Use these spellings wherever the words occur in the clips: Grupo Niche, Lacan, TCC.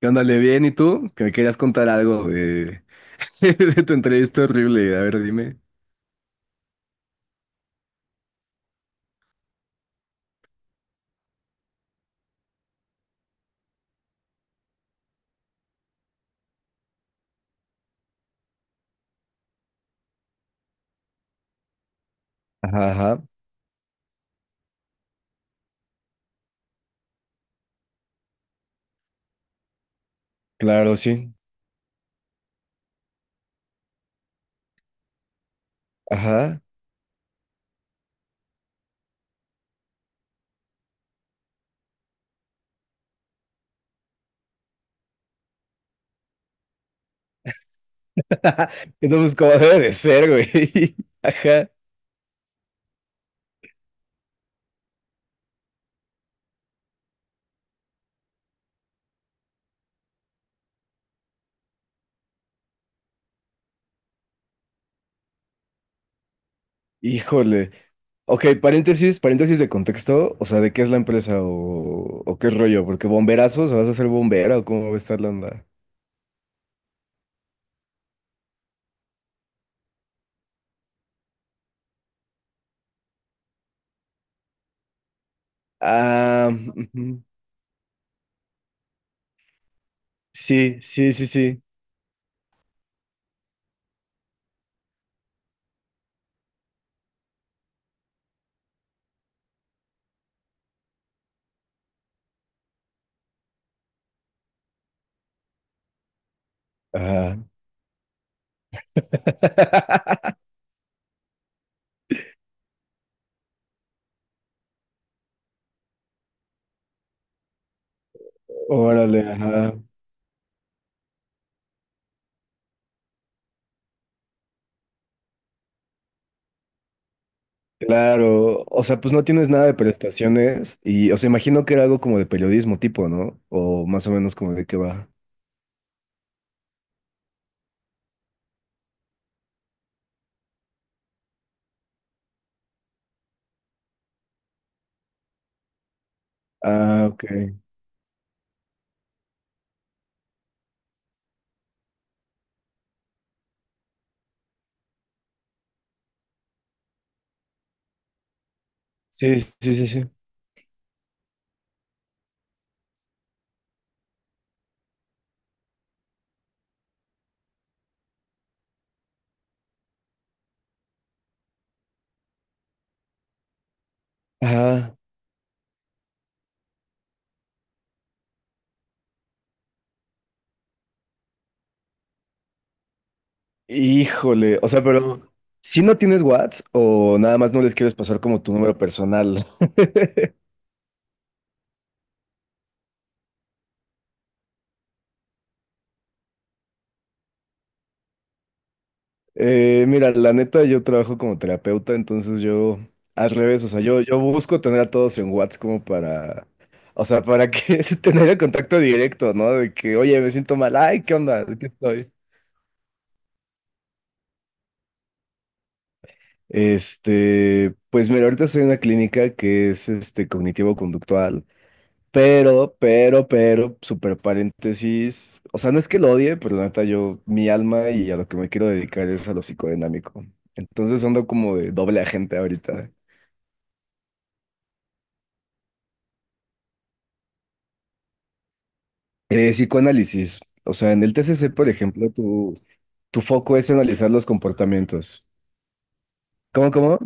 ¿Qué onda, le bien? ¿Y tú? Que me querías contar algo de tu entrevista horrible. A ver, dime. Ajá, ajá, claro, sí. Ajá. Entonces pues como debe de ser, güey. Ajá. Híjole. Ok, paréntesis de contexto. O sea, ¿de qué es la empresa o qué rollo? Porque bomberazos, ¿vas a ser bombera o cómo va a estar la onda? Ah, ujú. Sí, sí, sí, sí. Ajá. Órale, ajá. Claro, o sea, pues no tienes nada de prestaciones y, o sea, imagino que era algo como de periodismo tipo, ¿no? O más o menos como de qué va. Ah, ok. Sí, sí, sí, sí. Ajá. Híjole, o sea, pero si no tienes WhatsApp o nada más no les quieres pasar como tu número personal. Mira, la neta, yo trabajo como terapeuta, entonces yo, al revés, o sea, yo busco tener a todos en WhatsApp como para, o sea, para que tener el contacto directo, ¿no? De que, oye, me siento mal, ay, ¿qué onda? Aquí estoy. Este, pues mira, ahorita soy en una clínica que es este cognitivo-conductual, pero super paréntesis, o sea, no es que lo odie, pero la neta, yo, mi alma y a lo que me quiero dedicar es a lo psicodinámico. Entonces ando como de doble agente ahorita. Psicoanálisis. O sea, en el TCC, por ejemplo, tu foco es analizar los comportamientos. ¿Cómo, cómo?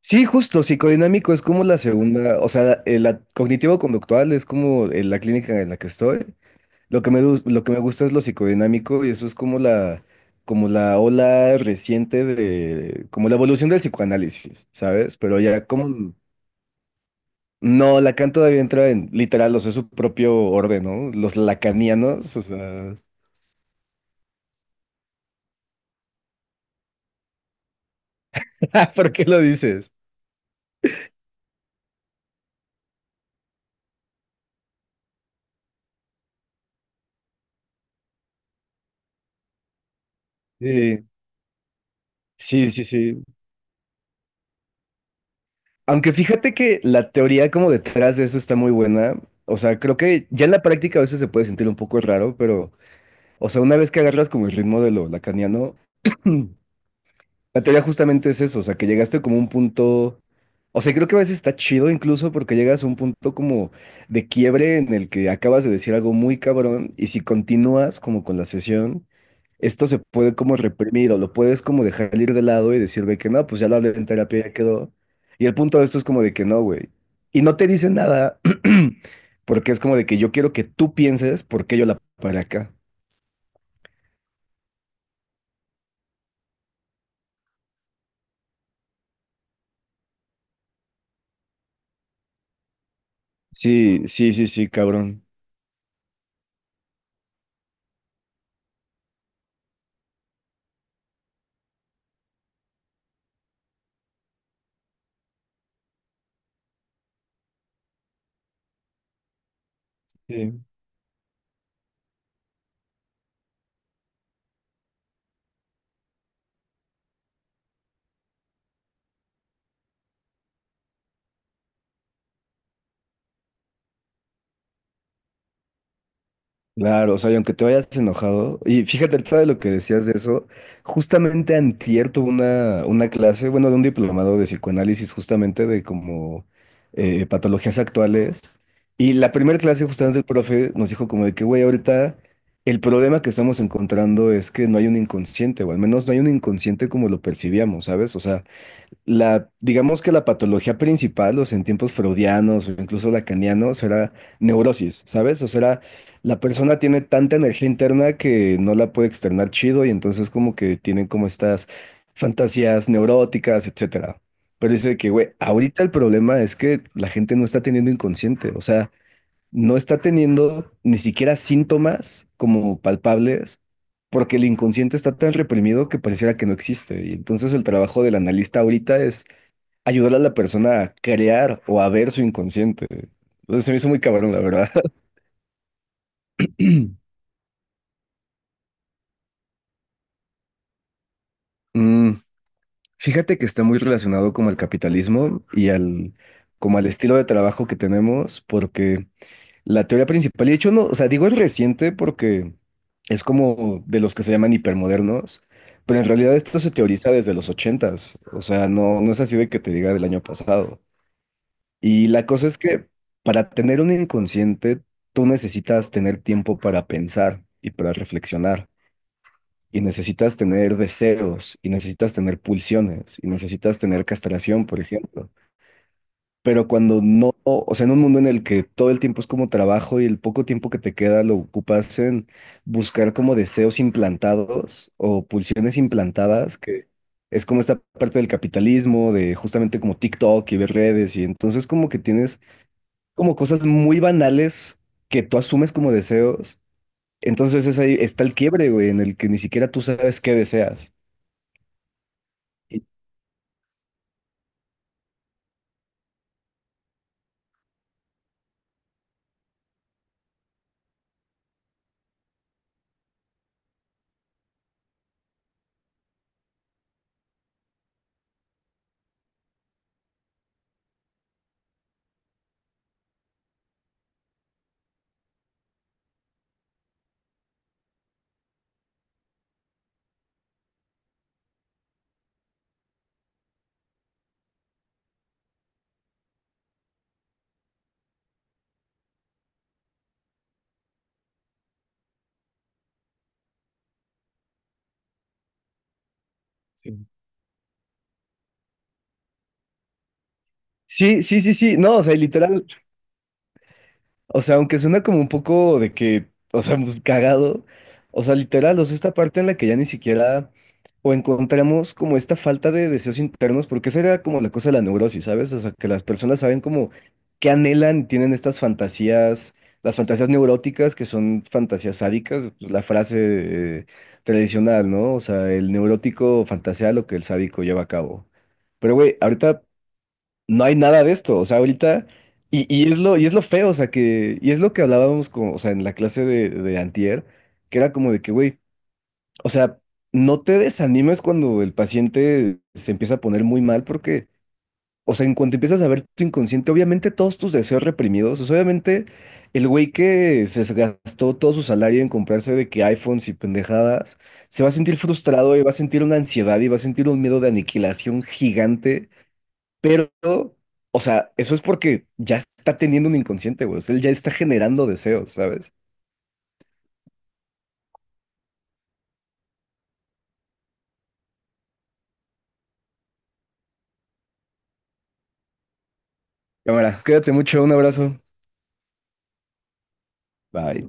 Sí, justo, psicodinámico es como la segunda, o sea, la cognitivo-conductual es como la clínica en la que estoy. Lo que me, lo que me gusta es lo psicodinámico y eso es como como la ola reciente de, como la evolución del psicoanálisis, ¿sabes? Pero ya como, no, Lacan todavía entra en, literal, o sea, su propio orden, ¿no? Los lacanianos, o sea... ¿Por qué lo dices? Sí, sí, sí, sí. Aunque fíjate que la teoría como detrás de eso está muy buena. O sea, creo que ya en la práctica a veces se puede sentir un poco raro, pero, o sea, una vez que agarras como el ritmo de lo lacaniano, la teoría justamente es eso, o sea, que llegaste como a un punto, o sea, creo que a veces está chido incluso porque llegas a un punto como de quiebre en el que acabas de decir algo muy cabrón y si continúas como con la sesión, esto se puede como reprimir o lo puedes como dejar ir de lado y decir, güey, que no, pues ya lo hablé en terapia, ya quedó. Y el punto de esto es como de que no, güey. Y no te dice nada porque es como de que yo quiero que tú pienses por qué yo la paré acá. Sí, sí, sí, sí, cabrón. Sí. Claro, o sea, y aunque te vayas enojado, y fíjate, ahorita de lo que decías de eso, justamente antier tuve una clase, bueno, de un diplomado de psicoanálisis, justamente de como patologías actuales, y la primera clase justamente el profe nos dijo como de que, güey, ahorita el problema que estamos encontrando es que no hay un inconsciente, o al menos no hay un inconsciente como lo percibíamos, ¿sabes? O sea, la, digamos que la patología principal, o sea, en tiempos freudianos o incluso lacanianos, era neurosis, ¿sabes? O sea, era- la persona tiene tanta energía interna que no la puede externar chido y entonces como que tienen como estas fantasías neuróticas, etcétera. Pero dice que, güey, ahorita el problema es que la gente no está teniendo inconsciente, o sea, no está teniendo ni siquiera síntomas como palpables. Porque el inconsciente está tan reprimido que pareciera que no existe. Y entonces el trabajo del analista ahorita es ayudar a la persona a crear o a ver su inconsciente. Entonces se me hizo muy cabrón, la verdad. Mm, Fíjate que está muy relacionado como al capitalismo y al, como al estilo de trabajo que tenemos, porque la teoría principal, y de hecho no, o sea, digo es reciente porque es como de los que se llaman hipermodernos, pero en realidad esto se teoriza desde los ochentas, o sea, no, no es así de que te diga del año pasado. Y la cosa es que para tener un inconsciente, tú necesitas tener tiempo para pensar y para reflexionar. Y necesitas tener deseos, y necesitas tener pulsiones, y necesitas tener castración, por ejemplo. Pero cuando no, o sea, en un mundo en el que todo el tiempo es como trabajo y el poco tiempo que te queda lo ocupas en buscar como deseos implantados o pulsiones implantadas, que es como esta parte del capitalismo, de justamente como TikTok y ver redes, y entonces como que tienes como cosas muy banales que tú asumes como deseos. Entonces es ahí está el quiebre, güey, en el que ni siquiera tú sabes qué deseas. Y- Sí. Sí, sí, sí, sí. No, o sea, y literal, o sea, aunque suena como un poco de que, o sea, pues, cagado, o sea, literal, o sea, esta parte en la que ya ni siquiera o encontramos como esta falta de deseos internos, porque esa era como la cosa de la neurosis, ¿sabes? O sea, que las personas saben como qué anhelan y tienen estas fantasías, las fantasías neuróticas que son fantasías sádicas, pues, la frase eh, tradicional, ¿no? O sea, el neurótico fantasea lo que el sádico lleva a cabo. Pero, güey, ahorita no hay nada de esto, o sea, ahorita, y es y es lo feo, o sea, que, y es lo que hablábamos con, o sea, en la clase de antier, que era como de que, güey, o sea, no te desanimes cuando el paciente se empieza a poner muy mal, porque, o sea, en cuanto empiezas a ver tu inconsciente, obviamente todos tus deseos reprimidos, o sea, obviamente el güey que se gastó todo su salario en comprarse de que iPhones y pendejadas, se va a sentir frustrado y va a sentir una ansiedad y va a sentir un miedo de aniquilación gigante. Pero, o sea, eso es porque ya está teniendo un inconsciente, güey. O sea, él ya está generando deseos, ¿sabes? Cámara, cuídate mucho, un abrazo. Bye.